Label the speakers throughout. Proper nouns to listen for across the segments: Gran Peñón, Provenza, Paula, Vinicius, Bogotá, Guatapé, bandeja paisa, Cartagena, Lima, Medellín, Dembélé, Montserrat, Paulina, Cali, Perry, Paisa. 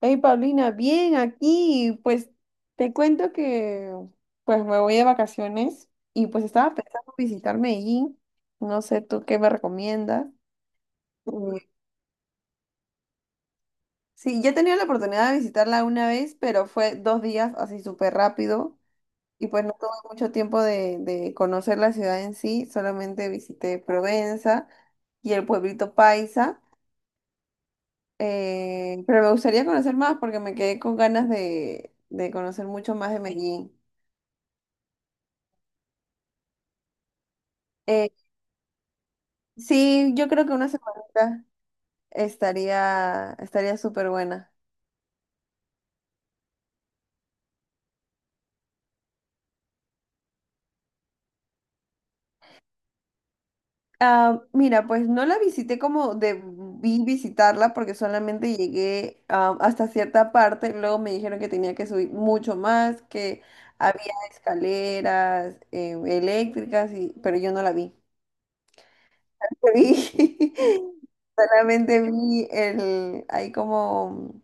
Speaker 1: Hey Paulina, bien aquí. Pues te cuento que pues me voy de vacaciones y pues estaba pensando visitar Medellín. No sé tú qué me recomiendas. Mm, Sí, ya he tenido la oportunidad de visitarla una vez, pero fue dos días así súper rápido y pues no tuve mucho tiempo de conocer la ciudad en sí. Solamente visité Provenza y el pueblito Paisa. Pero me gustaría conocer más porque me quedé con ganas de conocer mucho más de Medellín. Eh, Sí, yo creo que una semanita estaría súper buena. Ah, mira, pues no la visité como debí visitarla porque solamente llegué hasta cierta parte. Luego me dijeron que tenía que subir mucho más, que había escaleras eléctricas, pero yo no la vi. Vi- Solamente vi hay como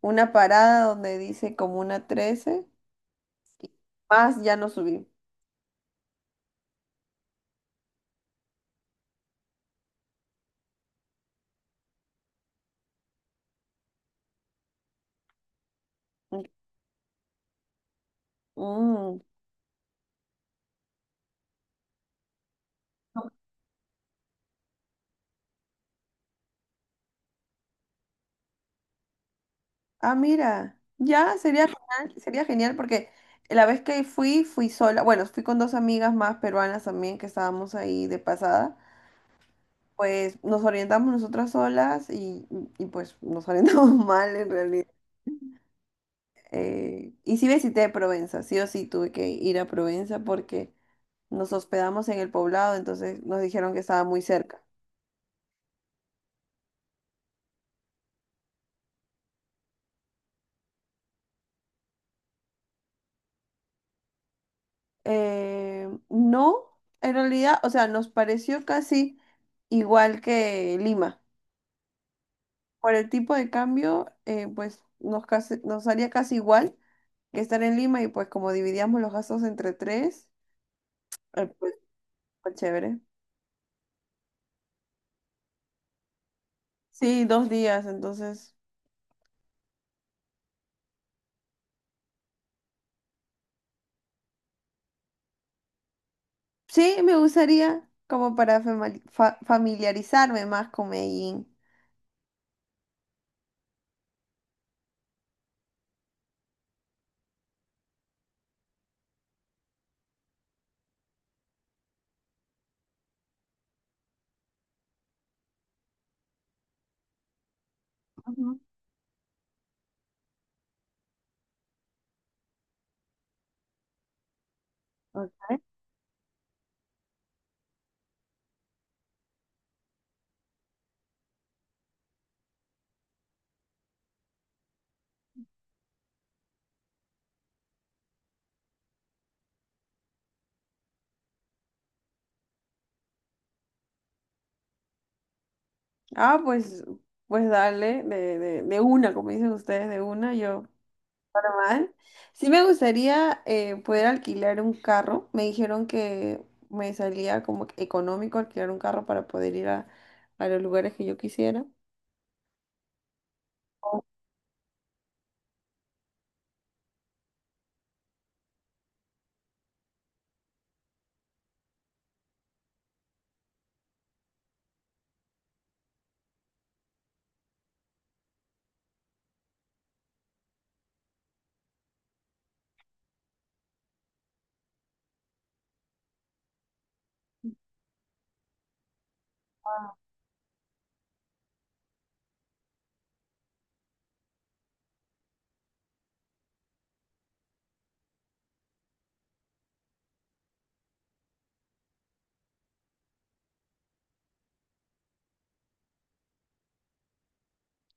Speaker 1: una parada donde dice como una trece. Más ya no subí. Mm. Ah, mira, ya sería genial porque la vez que fui, fui sola, bueno, fui con dos amigas más peruanas también que estábamos ahí de pasada, pues nos orientamos nosotras solas y pues nos orientamos mal en realidad. Y sí visité Provenza, sí o sí tuve que ir a Provenza porque nos hospedamos en el poblado, entonces nos dijeron que estaba muy cerca. No, en realidad, o sea, nos pareció casi igual que Lima. Por el tipo de cambio, pues nos haría casi igual que estar en Lima y pues como dividíamos los gastos entre tres, pues fue chévere. Sí, dos días, entonces. Sí, me gustaría como para familiarizarme más con Medellín. Ujú. Ok. Ah, pues dale, de una, como dicen ustedes, de una, yo, mal. Sí me gustaría poder alquilar un carro. Me dijeron que me salía como que económico alquilar un carro para poder ir a los lugares que yo quisiera. O-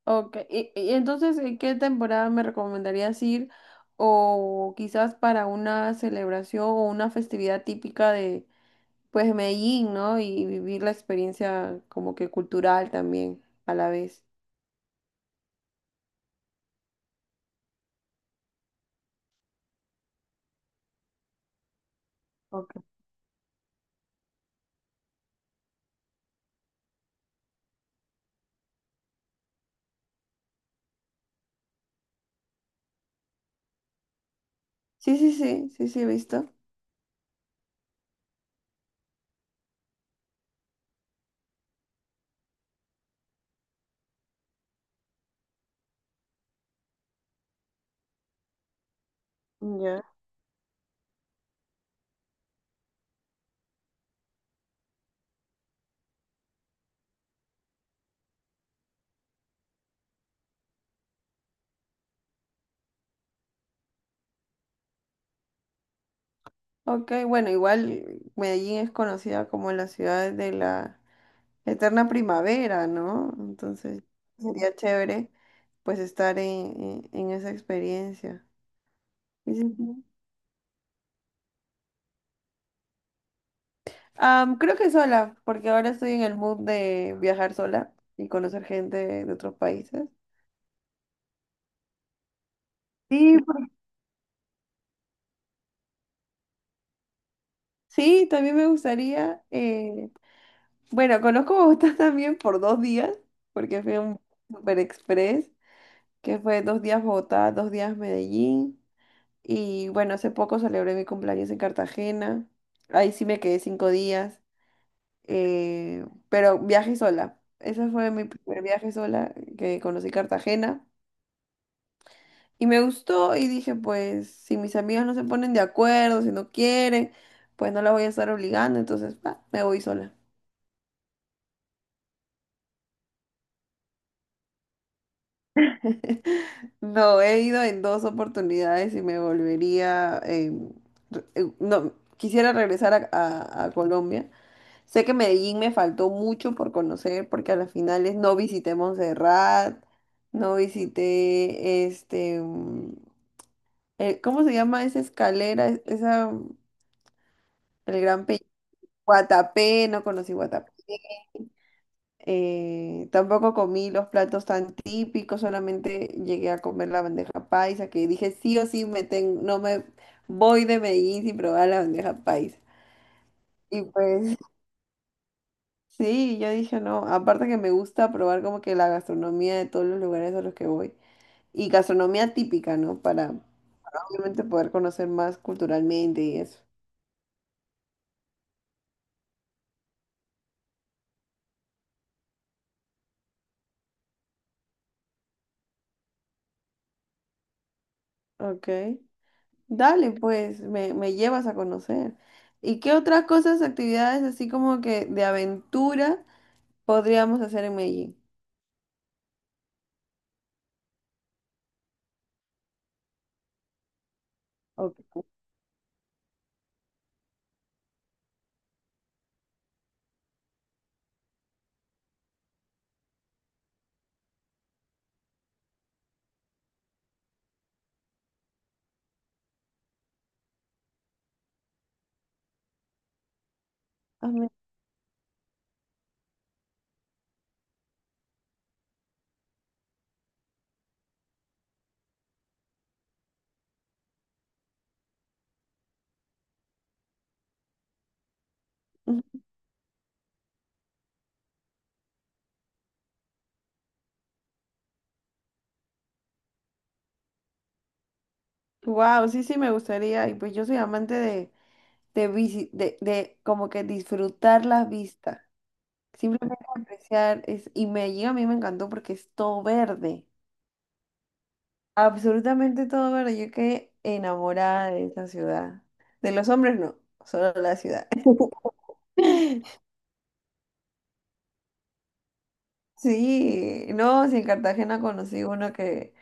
Speaker 1: Ok, y entonces, ¿en qué temporada me recomendarías ir? O quizás para una celebración o una festividad típica pues, de Medellín, ¿no? Y vivir la experiencia como que cultural también a la vez. Ok. Sí, sí, sí, sí, sí, he visto. Ya. Ok, bueno, igual Medellín es conocida como la ciudad de la eterna primavera, ¿no? Entonces sería chévere pues estar en esa experiencia. Y sí, sí. Creo que sola, porque ahora estoy en el mood de viajar sola y conocer gente de otros países. Sí, sí, también me gustaría, bueno, conozco Bogotá también por dos días, porque fui a un super express, que fue dos días Bogotá, dos días Medellín. Y bueno, hace poco celebré mi cumpleaños en Cartagena. Ahí sí me quedé cinco días, pero viaje sola. Ese fue mi primer viaje sola que conocí Cartagena. Y me gustó y dije, pues si mis amigas no se ponen de acuerdo, si no quieren, pues no la voy a estar obligando, entonces pa, me voy sola. No, he ido en dos oportunidades y me volvería, no, quisiera regresar a Colombia. Sé que Medellín me faltó mucho por conocer porque a las finales no visité Montserrat, no visité este, ¿cómo se llama esa escalera? Esa, el Gran Peñón, Guatapé, no conocí Guatapé. Tampoco comí los platos tan típicos, solamente llegué a comer la bandeja paisa, que dije sí o sí no me voy de Medellín sin probar la bandeja paisa. Y pues, sí, yo dije no. Aparte que me gusta probar como que la gastronomía de todos los lugares a los que voy. Y gastronomía típica, ¿no? Para obviamente poder conocer más culturalmente y eso. Ok. Dale, pues, me llevas a conocer. ¿Y qué otras cosas, actividades así como que de aventura podríamos hacer en Medellín? Ok. Wow, sí, sí, me gustaría. Y pues yo soy amante de como que disfrutar las vistas. Simplemente apreciar y Medellín a mí me encantó porque es todo verde, absolutamente todo verde. Yo quedé enamorada de esa ciudad. De los hombres no, solo la ciudad. Sí, no, si en Cartagena conocí uno que,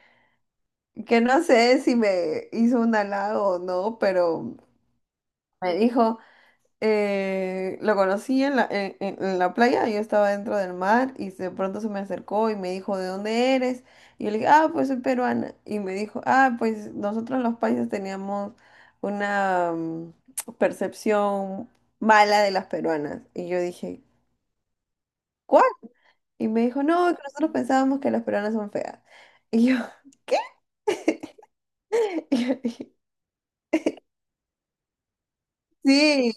Speaker 1: que no sé si me hizo un halago o no, pero me dijo. Lo conocí en la, en la playa, yo estaba dentro del mar y de pronto se me acercó y me dijo, ¿de dónde eres? Y yo le dije, ah, pues soy peruana. Y me dijo, ah, pues nosotros los paisas teníamos una percepción mala de las peruanas. Y yo dije, ¿cuál? Y me dijo, no, que nosotros pensábamos que las peruanas son feas. Y yo, ¿qué? Y yo dije, sí.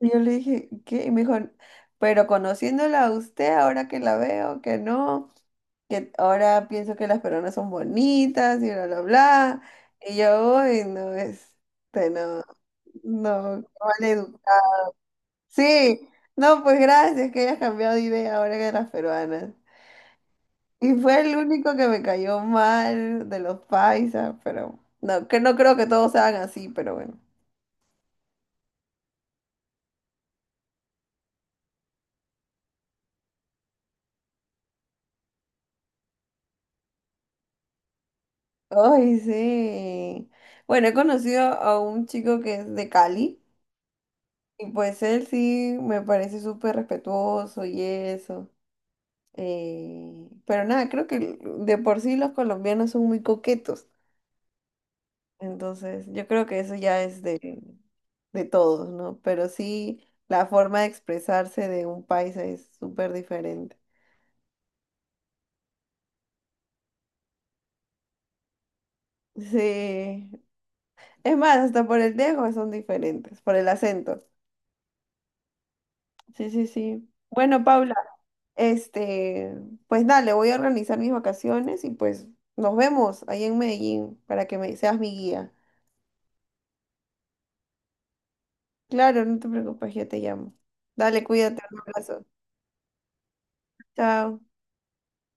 Speaker 1: Y yo le dije, ¿qué? Y me dijo, pero conociéndola a usted, ahora que la veo, que no, que ahora pienso que las peruanas son bonitas y bla, bla, bla. Y yo, uy, no, este, no, no, mal educada. Sí, no, pues gracias que hayas cambiado de idea ahora que de las peruanas. Y fue el único que me cayó mal de los paisas, pero no, que no creo que todos sean así, pero bueno. Ay, sí. Bueno, he conocido a un chico que es de Cali y pues él sí me parece súper respetuoso y eso. Pero nada, creo que de por sí los colombianos son muy coquetos. Entonces, yo creo que eso ya es de todos, ¿no? Pero sí, la forma de expresarse de un país es súper diferente. Sí. Es más, hasta por el dejo son diferentes, por el acento. Sí, sí, sí. Bueno, Paula, este, pues dale, voy a organizar mis vacaciones y pues nos vemos ahí en Medellín para que seas mi guía. Claro, no te preocupes, yo te llamo. Dale, cuídate, un abrazo. Chao.